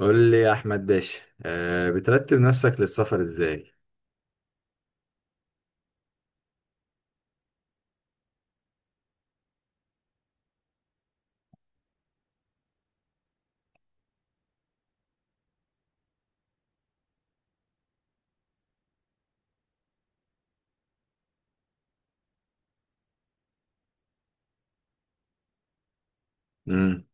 قول لي يا احمد باشا، بترتب نفسك للسفر ازاي؟ امم.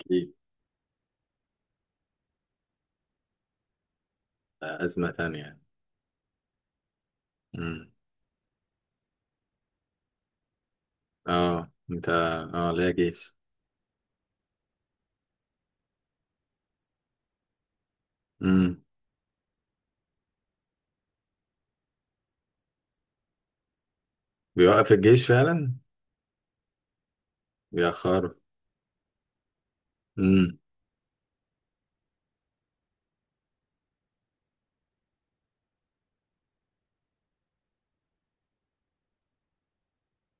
اكيد. ازمه تانية يعني. امم. اه انت اه ليا جيش. امم. بيوقف الجيش فعلا. بيأخره. امم.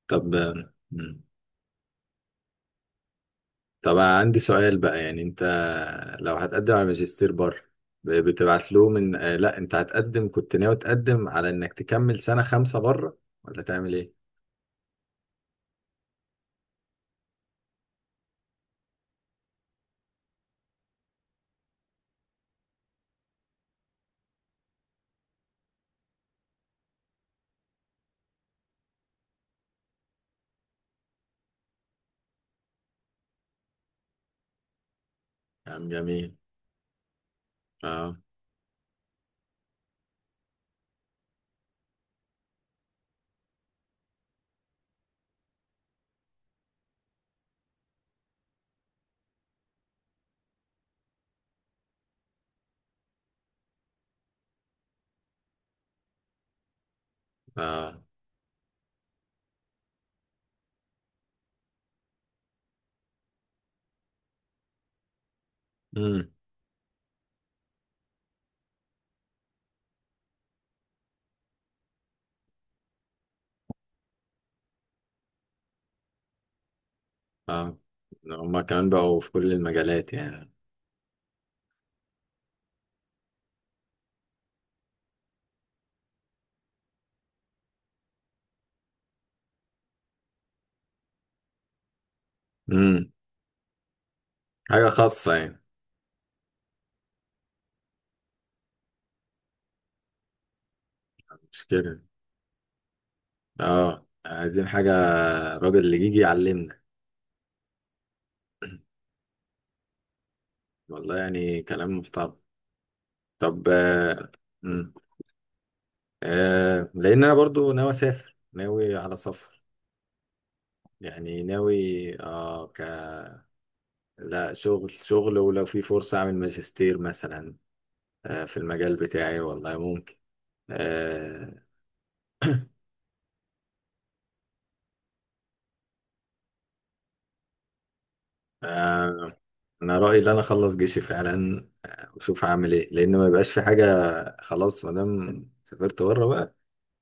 طب. امم. طب عندي سؤال بقى، يعني انت لو هتقدم على ماجستير بره، ب- بتبعت له من آه لا انت هتقدم، كنت ناوي تقدم على انك تكمل سنه 5 بره ولا تعمل ايه؟ يا عم جميل. اه. اه. مم. اه هما كمان بقوا في كل المجالات يعني. امم. حاجة خاصة يعني. مش كده. اه، عايزين حاجة. راجل اللي يجي يعلمنا. والله يعني كلام محترم. طب. مم. لأن أنا برضو ناوي أسافر، ناوي على سفر، يعني ناوي. اه، لا، شغل شغل، ولو في فرصة أعمل ماجستير مثلا في المجال بتاعي، والله ممكن. آه. آه. انا رايي ان انا اخلص جيشي فعلا، واشوف هعمل ايه، لان ما يبقاش في حاجه. خلاص، ما دام سافرت بره بقى،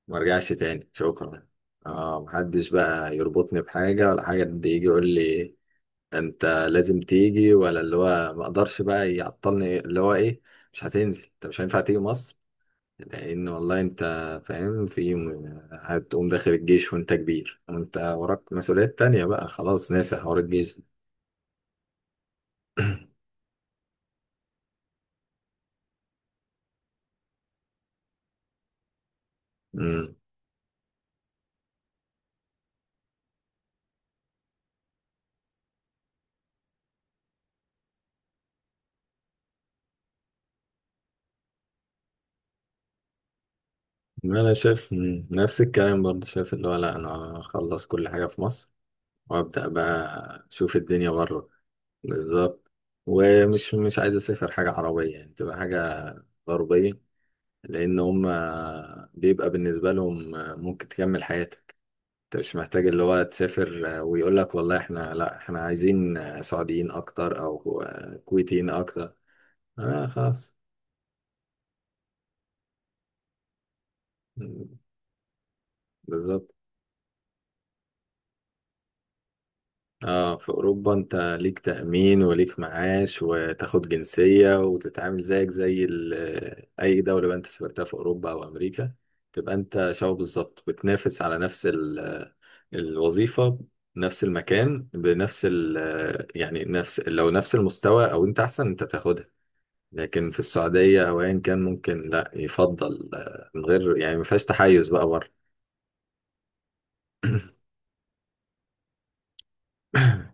ما ارجعش تاني، شكرا. اه، محدش بقى يربطني بحاجه ولا حاجه، حد يجي يقول لي انت لازم تيجي، ولا اللي هو ما اقدرش بقى، يعطلني اللي هو ايه، مش هتنزل انت، مش هينفع تيجي مصر. لان والله انت فاهم، في يوم هتقوم داخل الجيش وانت كبير، وانت وراك مسؤوليات تانية، بقى خلاص ناسي حوار الجيش. انا شايف، نفس الكلام برضه، شايف اللي هو لا، انا اخلص كل حاجه في مصر وابدا بقى اشوف الدنيا بره. بالظبط. ومش مش عايز اسافر حاجه عربيه، يعني تبقى حاجه غربيه، لان هم بيبقى بالنسبه لهم ممكن تكمل حياتك. انت مش محتاج اللي هو تسافر ويقول لك والله احنا، لا احنا عايزين سعوديين اكتر او كويتيين اكتر. خلاص. مم، بالظبط. اه، في اوروبا انت ليك تأمين وليك معاش وتاخد جنسية وتتعامل زيك زي اي دولة بقى انت سافرتها في اوروبا او امريكا، تبقى انت شبه بالظبط، بتنافس على نفس الوظيفة، نفس المكان بنفس ال آه، يعني نفس لو نفس المستوى، او انت احسن انت تاخدها. لكن في السعودية او ايا كان، ممكن لا يفضل، من غير يعني ما فيهاش تحيز بقى بره.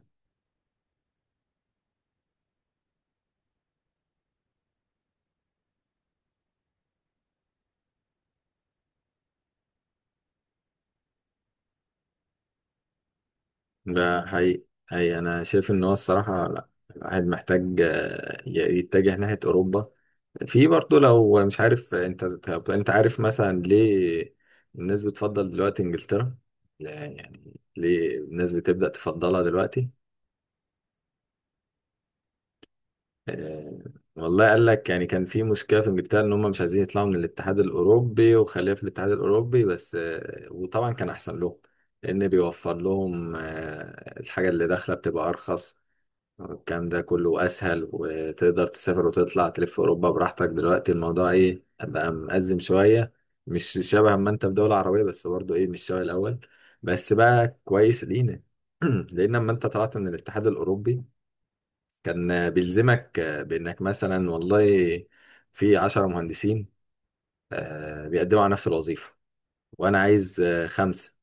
ده حقيقي حقيقي، أنا شايف إن هو الصراحة، لأ الواحد محتاج، يتجه ناحية أوروبا. في برضه لو مش عارف أنت، طب أنت عارف مثلا ليه الناس بتفضل دلوقتي إنجلترا؟ لا، يعني ليه الناس بتبدأ تفضلها دلوقتي؟ آه، والله قال لك، يعني كان في مشكلة في إنجلترا إن هم مش عايزين يطلعوا من الاتحاد الأوروبي، وخليها في الاتحاد الأوروبي بس، وطبعا كان أحسن لهم، لأن بيوفر لهم الحاجة اللي داخلة بتبقى أرخص، الكلام ده كله اسهل، وتقدر تسافر وتطلع تلف في اوروبا براحتك. دلوقتي الموضوع ايه بقى، مأزم شويه، مش شبه ما انت في دوله عربيه، بس برضو ايه، مش شبه الاول، بس بقى كويس لينا. لان لما انت طلعت من الاتحاد الاوروبي، كان بيلزمك، بانك مثلا والله في 10 مهندسين بيقدموا على نفس الوظيفه، وانا عايز خمسه.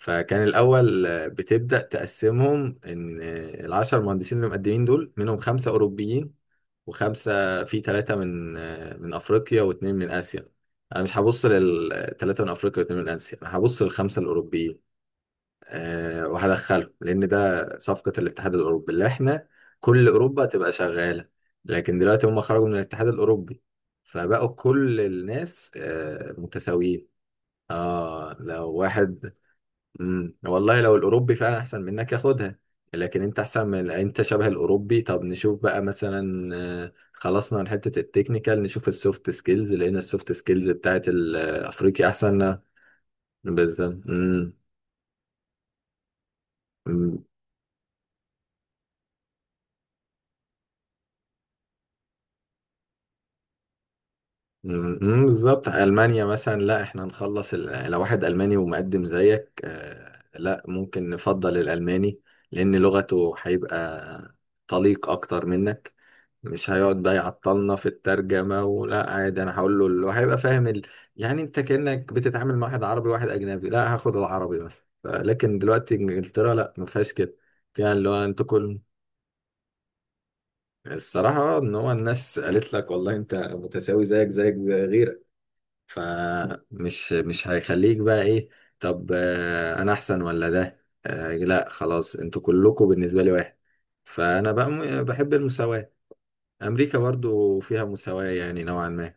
فكان الأول بتبدأ تقسمهم، إن ال10 مهندسين اللي مقدمين دول، منهم خمسة أوروبيين وخمسة في ثلاثة من أفريقيا واتنين من آسيا، أنا مش هبص للثلاثة من أفريقيا واتنين من آسيا، أنا هبص للخمسة الأوروبيين. وهدخلهم، لأن ده صفقة الاتحاد الأوروبي، اللي إحنا كل أوروبا تبقى شغالة. لكن دلوقتي هم خرجوا من الاتحاد الأوروبي، فبقوا كل الناس متساويين. اه، لو واحد. والله لو الاوروبي فعلا احسن منك، ياخدها، لكن انت احسن من، انت شبه الاوروبي، طب نشوف بقى مثلا، خلصنا من حته التكنيكال، نشوف السوفت سكيلز، لان السوفت سكيلز بتاعت الافريقي احسن. بالظبط. امم. بالظبط، ألمانيا مثلا، لا احنا نخلص لو واحد ألماني ومقدم زيك، لا ممكن نفضل الألماني، لأن لغته هيبقى طليق أكتر منك، مش هيقعد بقى يعطلنا في الترجمة، ولا عادي أنا هقول له اللي هيبقى فاهم يعني أنت كأنك بتتعامل مع واحد عربي وواحد أجنبي، لا هاخد العربي مثلا، لكن دلوقتي إنجلترا لا ما فيهاش كده، فيها اللي هو أنتوا كل الصراحة، إن هو الناس قالت لك والله أنت متساوي، زيك زيك غيرك، فمش مش هيخليك بقى ايه، طب، انا احسن ولا ده، لا خلاص، انتوا كلكم بالنسبه لي واحد، فانا بقى بحب المساواه. امريكا برضو فيها مساواه يعني نوعا ما.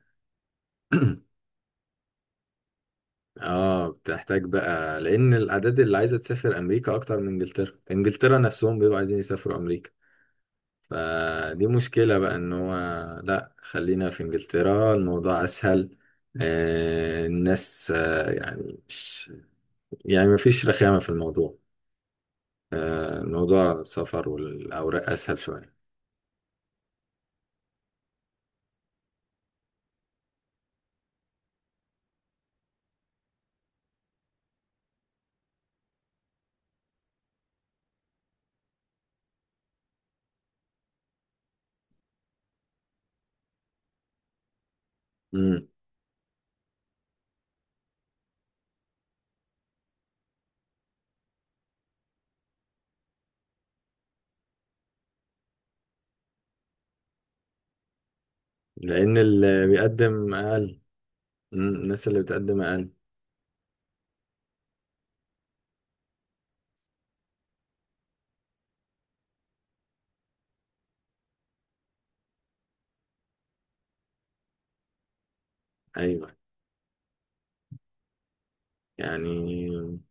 اه، بتحتاج بقى، لان الاعداد اللي عايزه تسافر امريكا اكتر من انجلترا، انجلترا نفسهم بيبقوا عايزين يسافروا امريكا، فدي مشكله بقى، ان هو لا، خلينا في انجلترا الموضوع اسهل. الناس يعني، يعني مفيش رخامة في الموضوع، موضوع السفر والأوراق أسهل شوية. مم. لأن اللي بيقدم أقل. مم. الناس اللي بتقدم أقل. أيوة، يعني.